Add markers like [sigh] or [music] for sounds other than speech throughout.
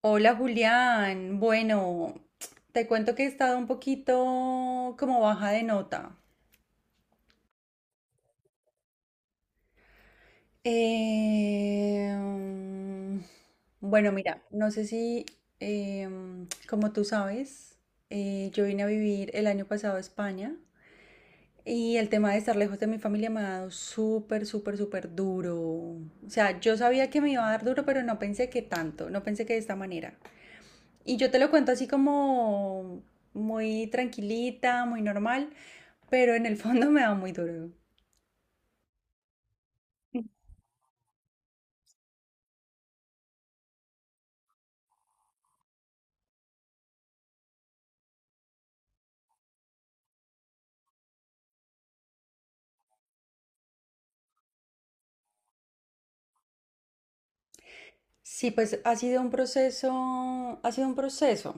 Hola Julián, bueno, te cuento que he estado un poquito como baja de nota. Em, bueno, mira, no sé si, como tú sabes, yo vine a vivir el año pasado a España y el tema de estar lejos de mi familia me ha dado súper, súper, súper duro. O sea, yo sabía que me iba a dar duro, pero no pensé que tanto, no pensé que de esta manera. Y yo te lo cuento así como muy tranquilita, muy normal, pero en el fondo [laughs] me da muy duro. Sí, pues ha sido un proceso, ha sido un proceso,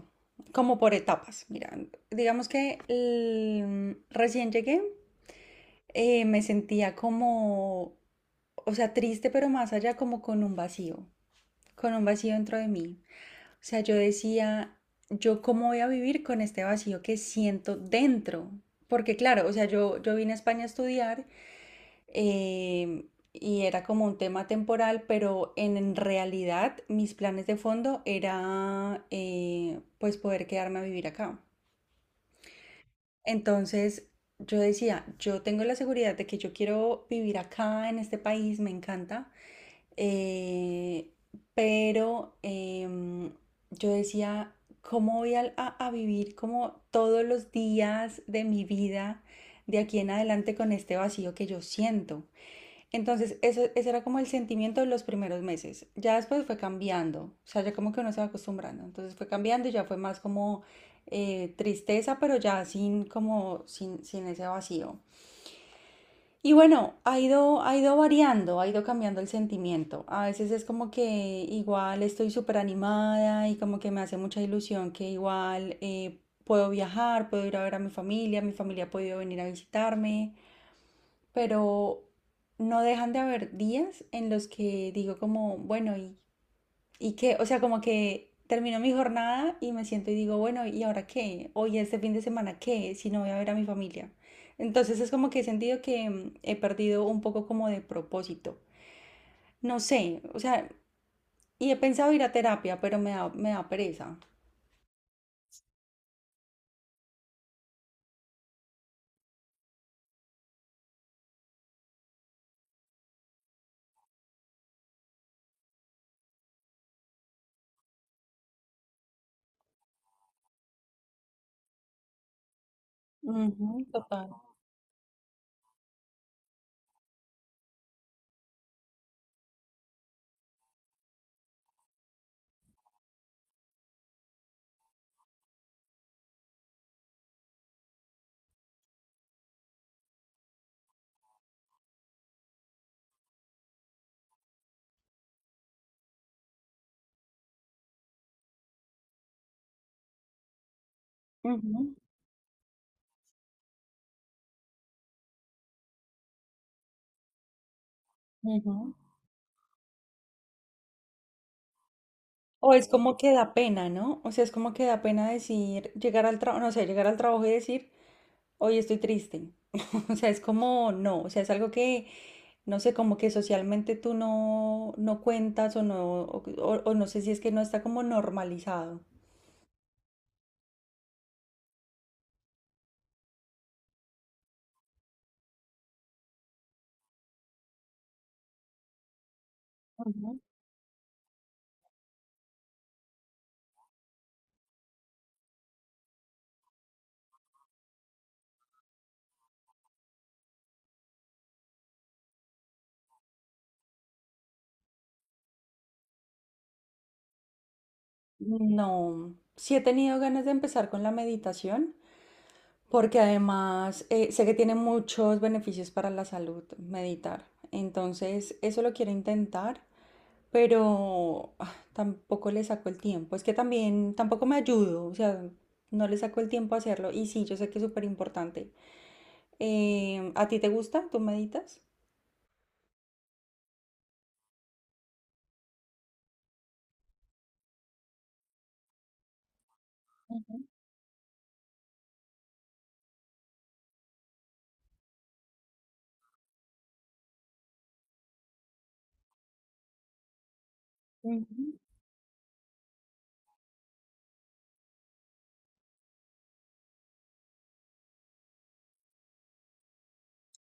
como por etapas. Mira, digamos que recién llegué. Me sentía como, o sea, triste, pero más allá como con un vacío. Con un vacío dentro de mí. O sea, yo decía, yo cómo voy a vivir con este vacío que siento dentro. Porque claro, o sea, yo vine a España a estudiar. eh, y era como un tema temporal, pero en realidad mis planes de fondo era pues poder quedarme a vivir acá. Entonces yo decía, yo tengo la seguridad de que yo quiero vivir acá en este país, me encanta, eh, pero yo decía, ¿cómo voy a vivir como todos los días de mi vida de aquí en adelante con este vacío que yo siento? Entonces, ese era como el sentimiento de los primeros meses. Ya después fue cambiando, o sea, ya como que uno se va acostumbrando. Entonces fue cambiando y ya fue más como tristeza, pero ya sin como sin ese vacío. Y bueno, ha ido variando, ha ido cambiando el sentimiento. A veces es como que igual estoy súper animada y como que me hace mucha ilusión que igual puedo viajar, puedo ir a ver a mi familia ha podido venir a visitarme, pero no dejan de haber días en los que digo como, bueno, ¿y que, o sea, como que termino mi jornada y me siento y digo, bueno, ¿y ahora qué? Hoy este fin de semana, ¿qué? Si no voy a ver a mi familia. Entonces es como que he sentido que he perdido un poco como de propósito. No sé, o sea, y he pensado ir a terapia, pero me da pereza. Ujú, total. Ujú, ujú. O es como que da pena, ¿no? O sea, es como que da pena decir, llegar al trabajo, no sé, llegar al trabajo y decir, hoy estoy triste. [laughs] O sea, es como, no, o sea, es algo que no sé, como que socialmente tú no cuentas o no, o no sé si es que no está como normalizado. Ujú. No, sí he tenido ganas de empezar con la meditación porque además sé que tiene muchos beneficios para la salud meditar. Entonces, eso lo quiero intentar, pero tampoco le saco el tiempo. Es que también tampoco me ayudo, o sea, no le saco el tiempo a hacerlo. Y sí, yo sé que es súper importante. ¿A ti te gusta? ¿Tú meditas? Ujú.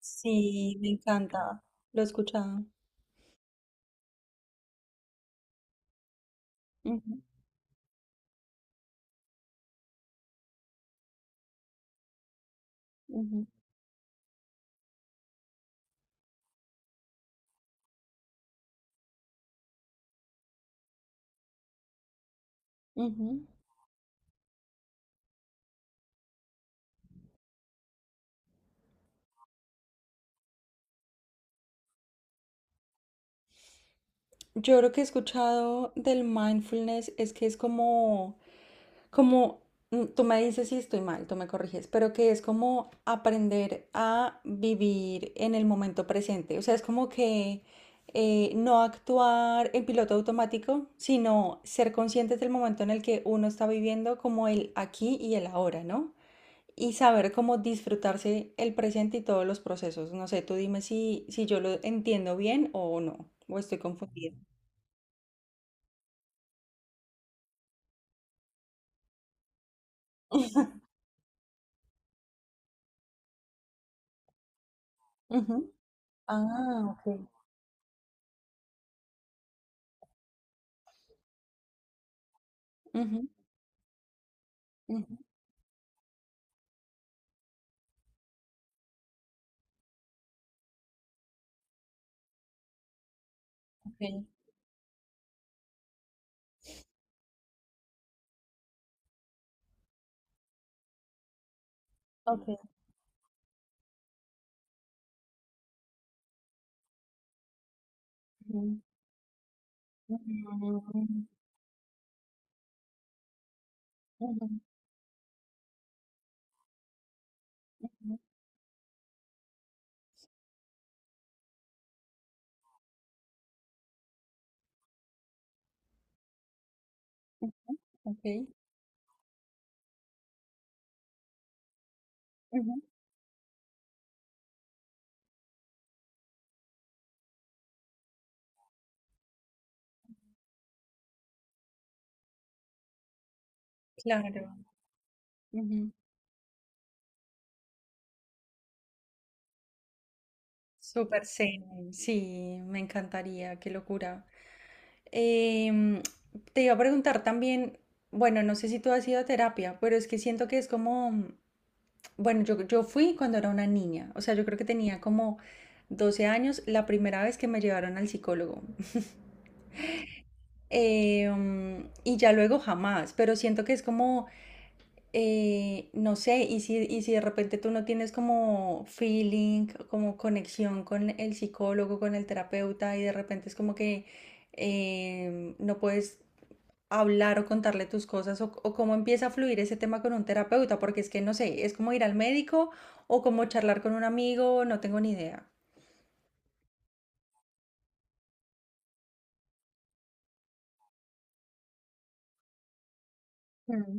Sí, me encanta. Lo he escuchado. Ujú, ujú, ujú. Yo lo que he escuchado del mindfulness es que es como, como, tú me dices si estoy mal, tú me corriges, pero que es como aprender a vivir en el momento presente. O sea, es como que no actuar en piloto automático, sino ser conscientes del momento en el que uno está viviendo como el aquí y el ahora, ¿no? Y saber cómo disfrutarse el presente y todos los procesos. No sé, tú dime si yo lo entiendo bien o no, o estoy confundida. Ujú. Ah, ok. Ujú, ujú, ok, ok. Ujú, ujú, ujú, ujú, ok, ujú, claro. Ujú. Súper zen. Sí, me encantaría, qué locura. Em, te iba a preguntar también, bueno, no sé si tú has ido a terapia, pero es que siento que es como bueno, yo fui cuando era una niña, o sea, yo creo que tenía como 12 años la primera vez que me llevaron al psicólogo. [laughs] Y ya luego jamás, pero siento que es como, no sé, y si de repente tú no tienes como feeling, como conexión con el psicólogo, con el terapeuta, y de repente es como que no puedes hablar o contarle tus cosas o cómo empieza a fluir ese tema con un terapeuta, porque es que no sé, es como ir al médico o como charlar con un amigo, no tengo ni idea. Mm,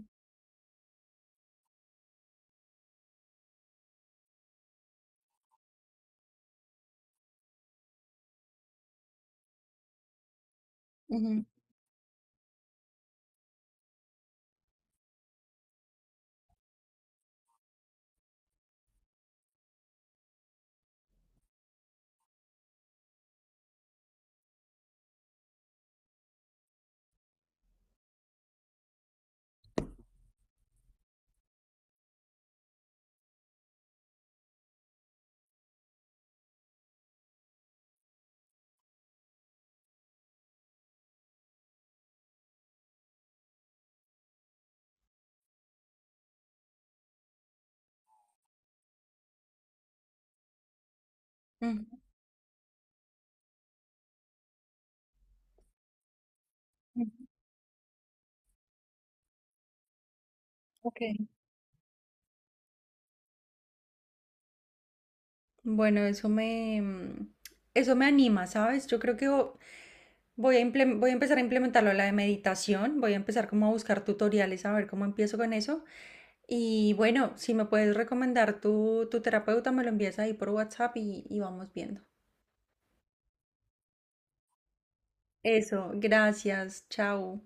ujú, ujú, ujú, ok. Bueno, eso me anima, ¿sabes? Yo creo que voy a empezar a implementarlo, la de meditación, voy a empezar como a buscar tutoriales, a ver cómo empiezo con eso. Y bueno, si me puedes recomendar tu terapeuta, me lo envías ahí por WhatsApp y vamos viendo. Eso, gracias, chao.